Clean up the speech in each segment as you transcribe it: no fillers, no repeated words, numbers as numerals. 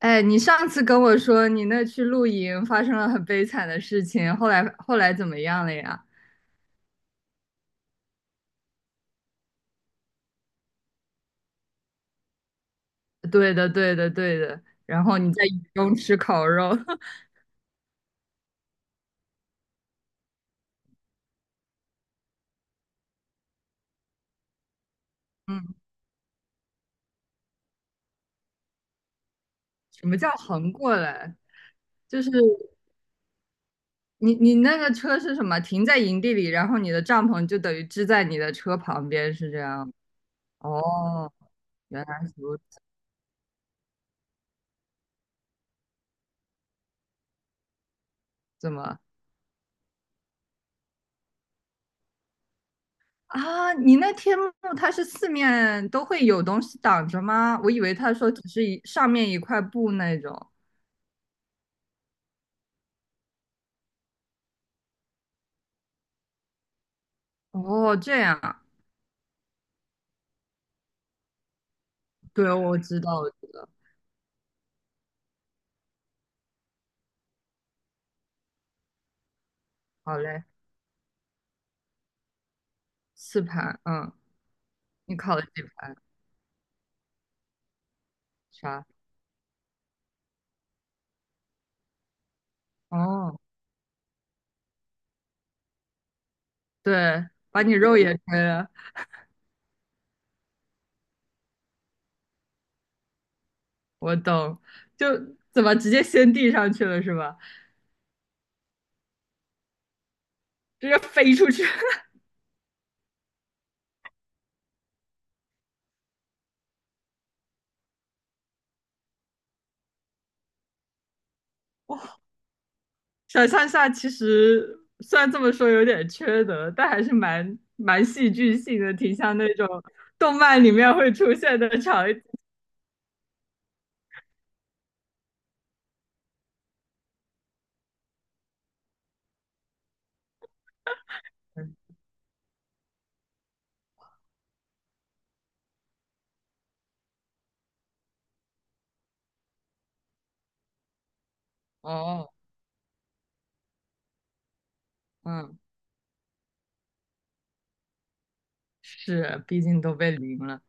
哎，你上次跟我说你那去露营发生了很悲惨的事情，后来怎么样了呀？对的，对的，对的。然后你在雨中吃烤肉，嗯，什么叫横过来？就是你那个车是什么？停在营地里，然后你的帐篷就等于支在你的车旁边，是这样吗？哦，原来如此，怎么啊？你那天幕它是四面都会有东西挡着吗？我以为他说只是一上面一块布那种。哦，这样，啊，对，我知道，我知道。好嘞，四盘，嗯，你考了几盘？啥？哦，对，把你肉也吹了。我懂。就怎么直接先递上去了是吧？直接飞出去。想象下其实虽然这么说有点缺德，但还是蛮戏剧性的，挺像那种动漫里面会出现的场景。哦，嗯，是，毕竟都被淋了。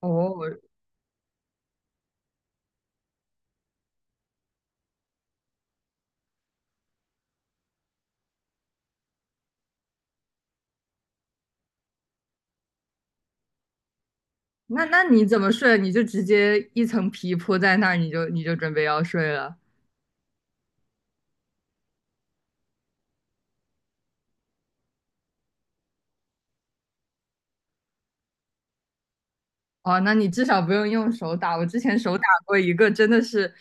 哦，那你怎么睡？你就直接一层皮铺在那儿，你就准备要睡了。哦，那你至少不用用手打。我之前手打过一个，真的是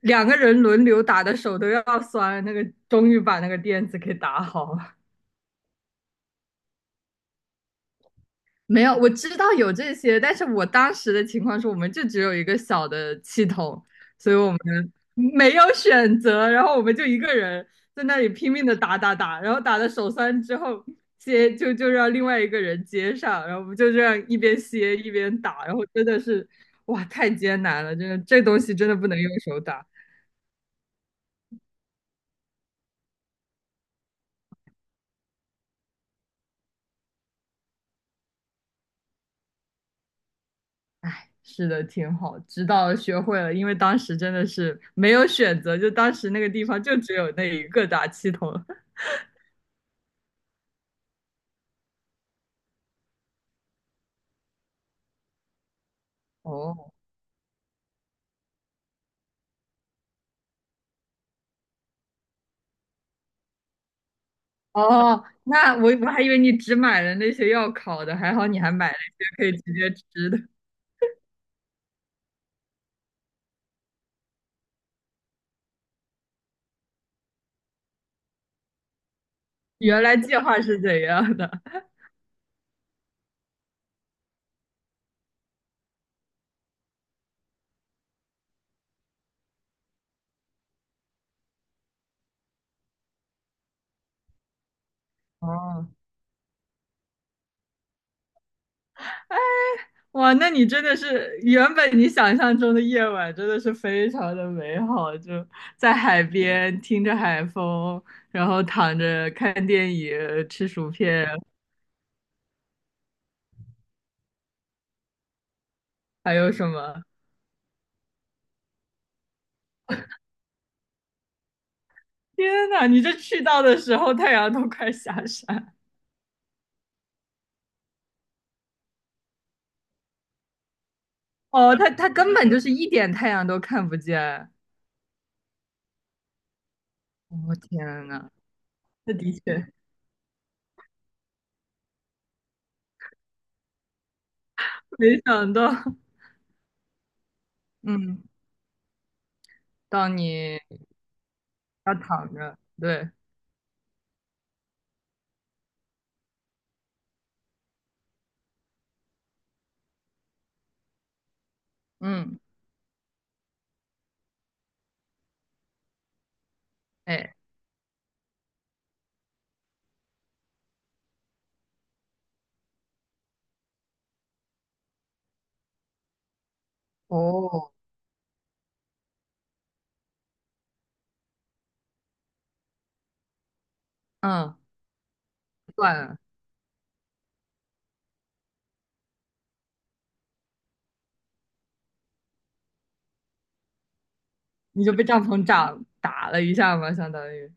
两个人轮流打的手都要酸了，那个终于把那个垫子给打好了。没有，我知道有这些，但是我当时的情况是，我们就只有一个小的气筒，所以我们没有选择，然后我们就一个人在那里拼命的打，然后打的手酸之后接就让另外一个人接上，然后我们就这样一边歇一边打，然后真的是哇，太艰难了，真的这东西真的不能用手打。是的，挺好，直到学会了，因为当时真的是没有选择，就当时那个地方就只有那一个打气筒。哦，哦，那我还以为你只买了那些要烤的，还好你还买了一些可以直接吃的。原来计划是怎样的？哦，哇，那你真的是原本你想象中的夜晚真的是非常的美好，就在海边听着海风，然后躺着看电影、吃薯片，还有什么？天呐，你这去到的时候太阳都快下山。哦，它它根本就是一点太阳都看不见。我、天呐！那的确，没想到，嗯，当你要躺着，对，嗯，哎，哦，嗯，算了，你就被帐篷打了一下嘛，相当于，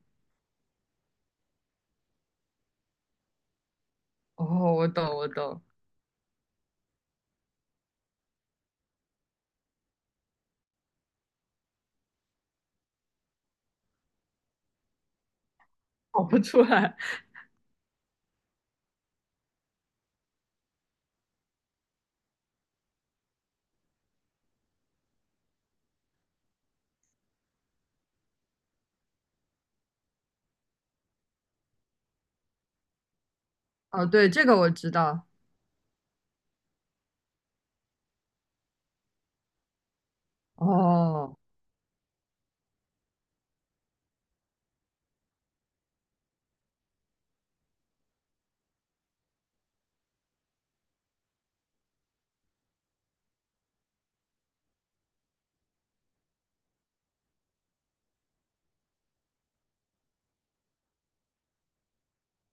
哦，我懂，我懂，跑不出来，哦，对，这个我知道，哦，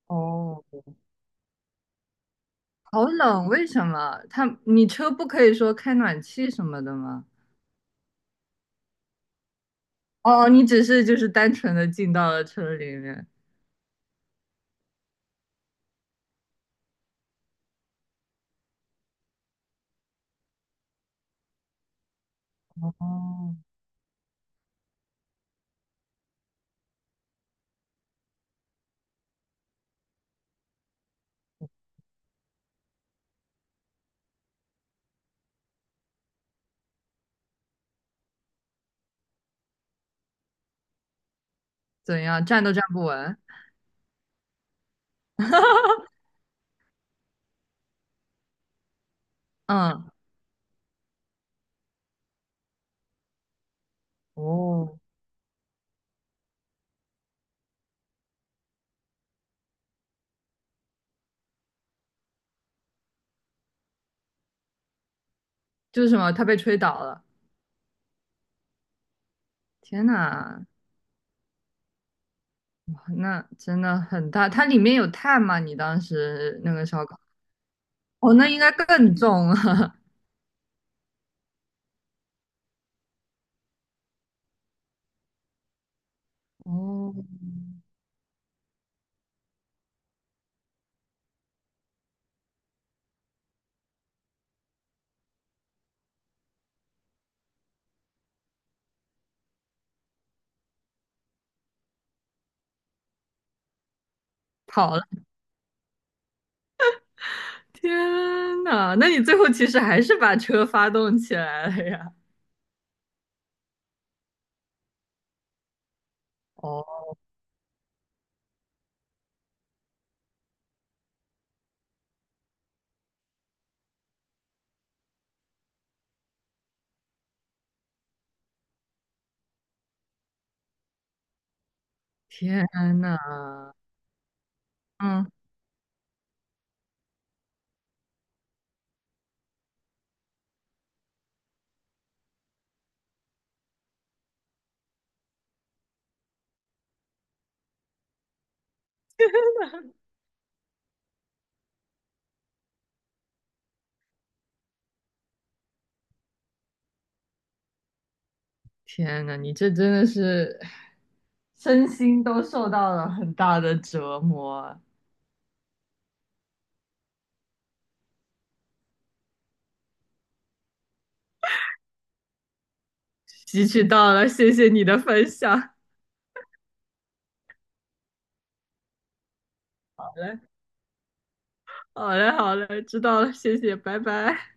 哦，好冷，为什么？他，你车不可以说开暖气什么的吗？哦，你只是就是单纯的进到了车里面，哦，怎样，站都站不稳，嗯。哦，就是什么，他被吹倒了。天呐，哇那真的很大。它里面有碳吗？你当时那个烧烤？哦，那应该更重了，哦，跑了。天呐，那你最后其实还是把车发动起来了呀？哦，天呐，嗯，天呐，你这真的是身心都受到了很大的折磨啊，吸取到了，谢谢你的分享。好嘞，好嘞，知道了，谢谢，拜拜。